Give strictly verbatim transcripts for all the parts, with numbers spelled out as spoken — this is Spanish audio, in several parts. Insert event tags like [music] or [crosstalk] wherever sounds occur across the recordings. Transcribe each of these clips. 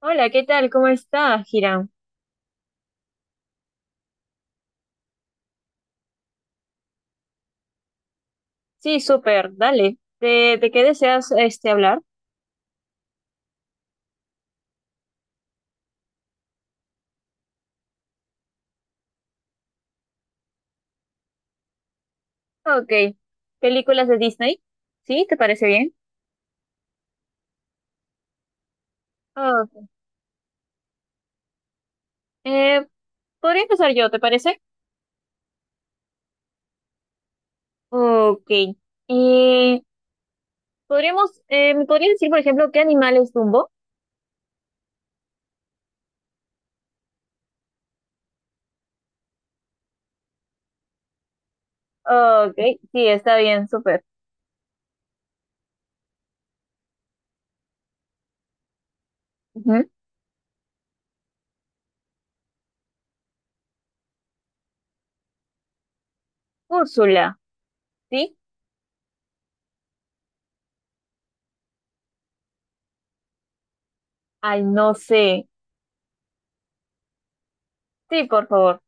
Hola, ¿qué tal? ¿Cómo está, Hiram? Sí, súper, dale. ¿De, de qué deseas este hablar? Ok. ¿Películas de Disney? ¿Sí? ¿Te parece bien? Ok. Eh, Podría empezar yo, ¿te parece? Ok. Eh, Podríamos, eh, ¿me podrías decir, por ejemplo, qué animal es Dumbo? Ok, sí, está bien, súper. Ujú. Úrsula, ¿sí? Ay, no sé. Sí, por favor.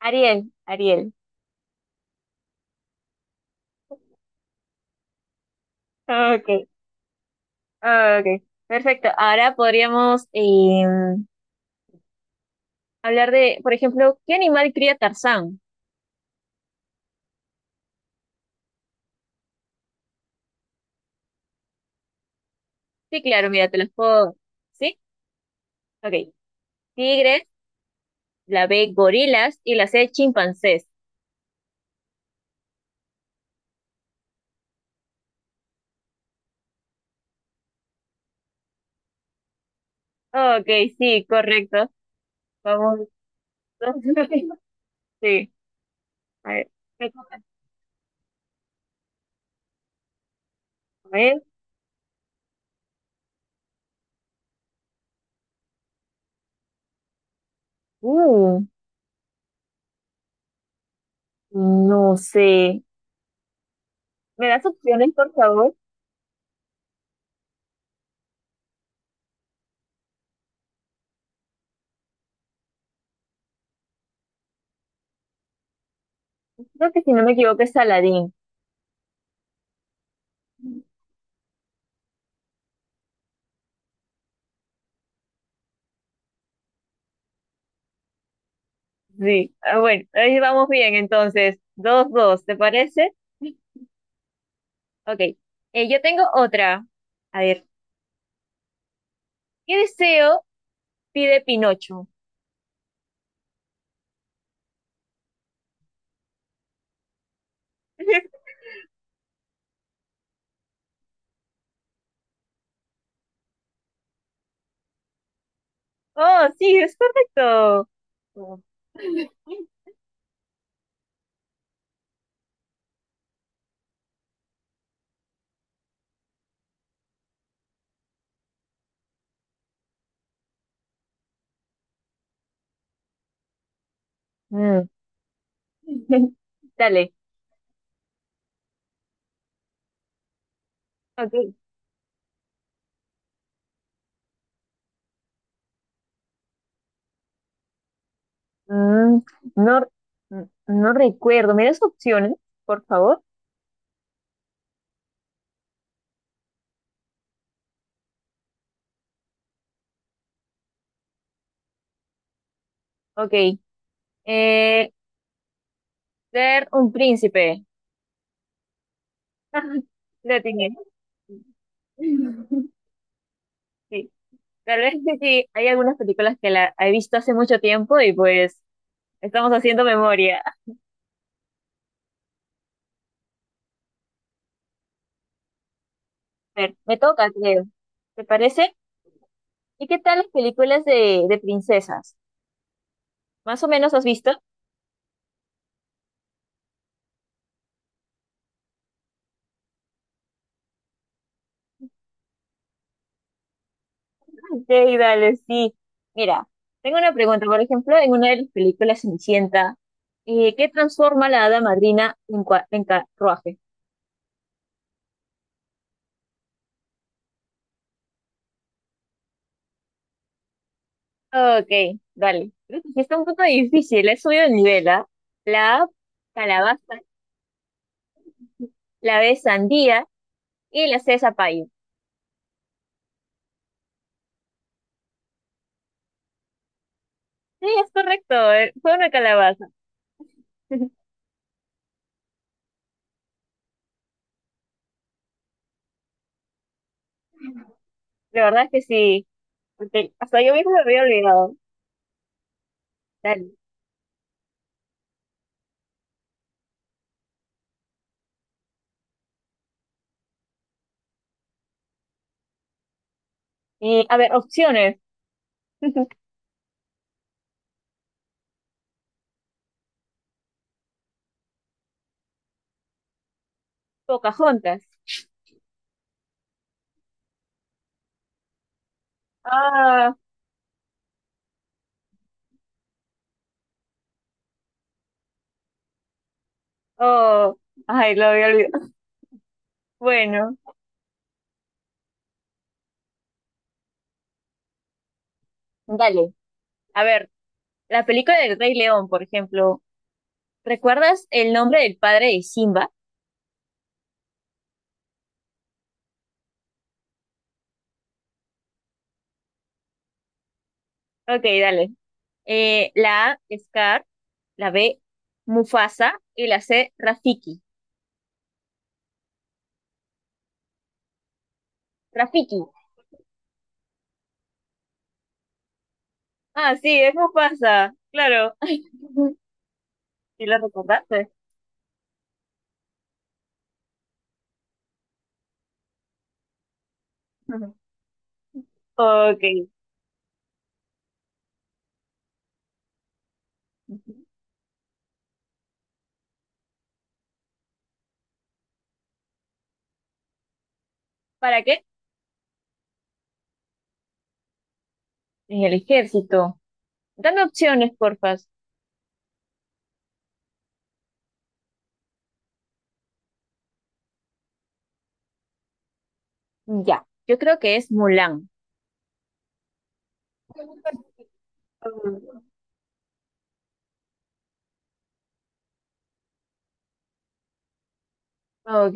Ariel, Ariel. Ok, ok. Perfecto. Ahora podríamos. em, Hablar de, por ejemplo, ¿qué animal cría Tarzán? Sí, claro, mira, te los puedo. ¿Sí? Ok. Tigres, la B, gorilas y la C, chimpancés. Ok, sí, correcto. Vamos. [laughs] Sí. A ver. ¿Qué toca? A ver. Uh, no sé. ¿Me das opciones, por favor? Creo que si no me equivoco es Aladín. Sí. Ah, bueno, ahí vamos bien, entonces. Dos, dos, ¿te parece? Ok. Eh, yo tengo otra. A ver. ¿Qué deseo pide Pinocho? [laughs] Oh, sí, es correcto. Oh. Mm, [laughs] Dale. Ok. mm, no, mm, no recuerdo. ¿Me das opciones, por favor? Ok. Eh, Ser un príncipe. [laughs] Lo tiene. Sí. Tal vez que sí, hay algunas películas que la he visto hace mucho tiempo y pues estamos haciendo memoria. A ver, me toca, creo. ¿Te parece? ¿Y qué tal las películas de, de princesas? Más o menos has visto. Ok, dale, sí. Mira, tengo una pregunta. Por ejemplo, en una de las películas Cenicienta, eh, ¿qué transforma la hada madrina en, cua- en carruaje? Ok, dale. Creo que sí está un poco difícil. He subido el nivel, ¿ah? La A, calabaza, la B, sandía y la C, zapallo. Sí, es correcto. eh, Fue una calabaza. [laughs] La verdad es que sí, porque hasta yo mismo me había olvidado. Dale. Y, a ver, opciones. [laughs] Pocahontas. Ah, oh, ay, lo había olvidado. Bueno, dale. A ver, la película del Rey León, por ejemplo, ¿recuerdas el nombre del padre de Simba? Ok, dale. Eh, la A, Scar, la B, Mufasa y la C, Rafiki. Rafiki. Ah, sí, es Mufasa, claro. [laughs] ¿Sí lo recordaste? [laughs] Ujú. Ok. Ujú. ¿Para qué? En el ejército. Dame opciones, porfas. Ya, yo creo que es Mulan. Ok,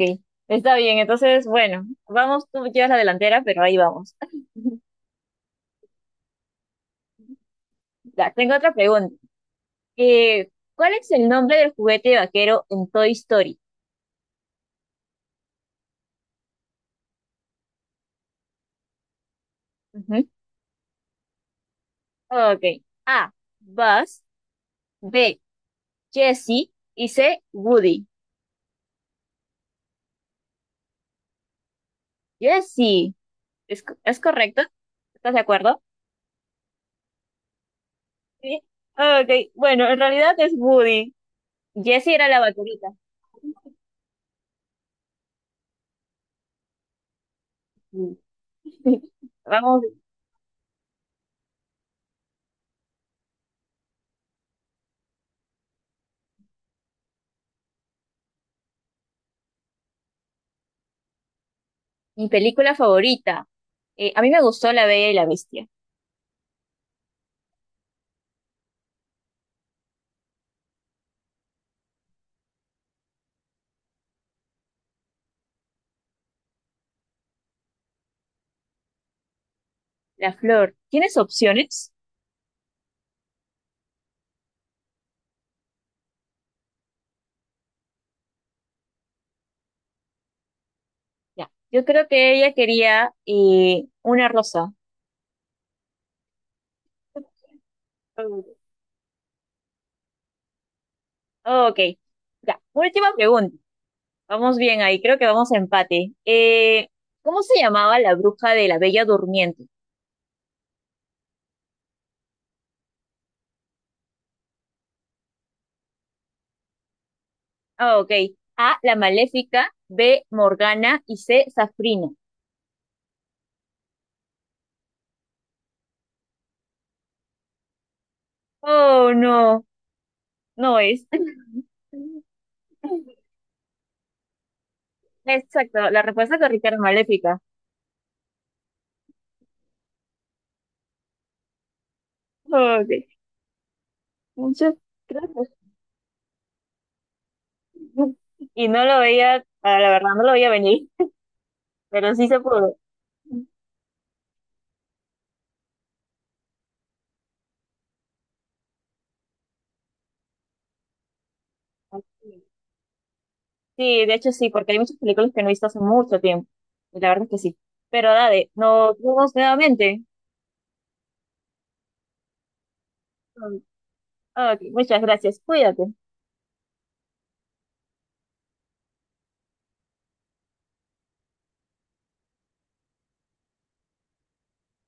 está bien. Entonces, bueno, vamos, tú llevas la delantera, pero ahí vamos. [laughs] Ya, tengo otra pregunta. Eh, ¿cuál es el nombre del juguete vaquero en Toy Story? Ujú. Ok. A, Buzz. B, Jessie. Y C, Woody. Jessie. ¿Es, co- es correcto? ¿Estás de acuerdo? Sí. Ok. Bueno, en realidad es Woody. Jessie era la vaquerita. [laughs] Vamos. Mi película favorita. Eh, a mí me gustó La Bella y la Bestia. La flor. ¿Tienes opciones? Ya. Yo creo que ella quería eh, una rosa. Oh, ok. Ya. Última pregunta. Vamos bien ahí. Creo que vamos a empate. Eh, ¿cómo se llamaba la bruja de la Bella Durmiente? Ah, ok. A, la Maléfica. B, Morgana. Y C, Safrina. Oh, no. No es. [laughs] Exacto. La respuesta correcta era Maléfica. Oh, ok. Muchas gracias. Y no lo veía, ah, la verdad, no lo veía venir, pero sí se pudo. Sí, de hecho sí, porque hay muchas películas que no he visto hace mucho tiempo. Y la verdad es que sí. Pero dale, nos vemos nuevamente. Ah, ok, muchas gracias. Cuídate.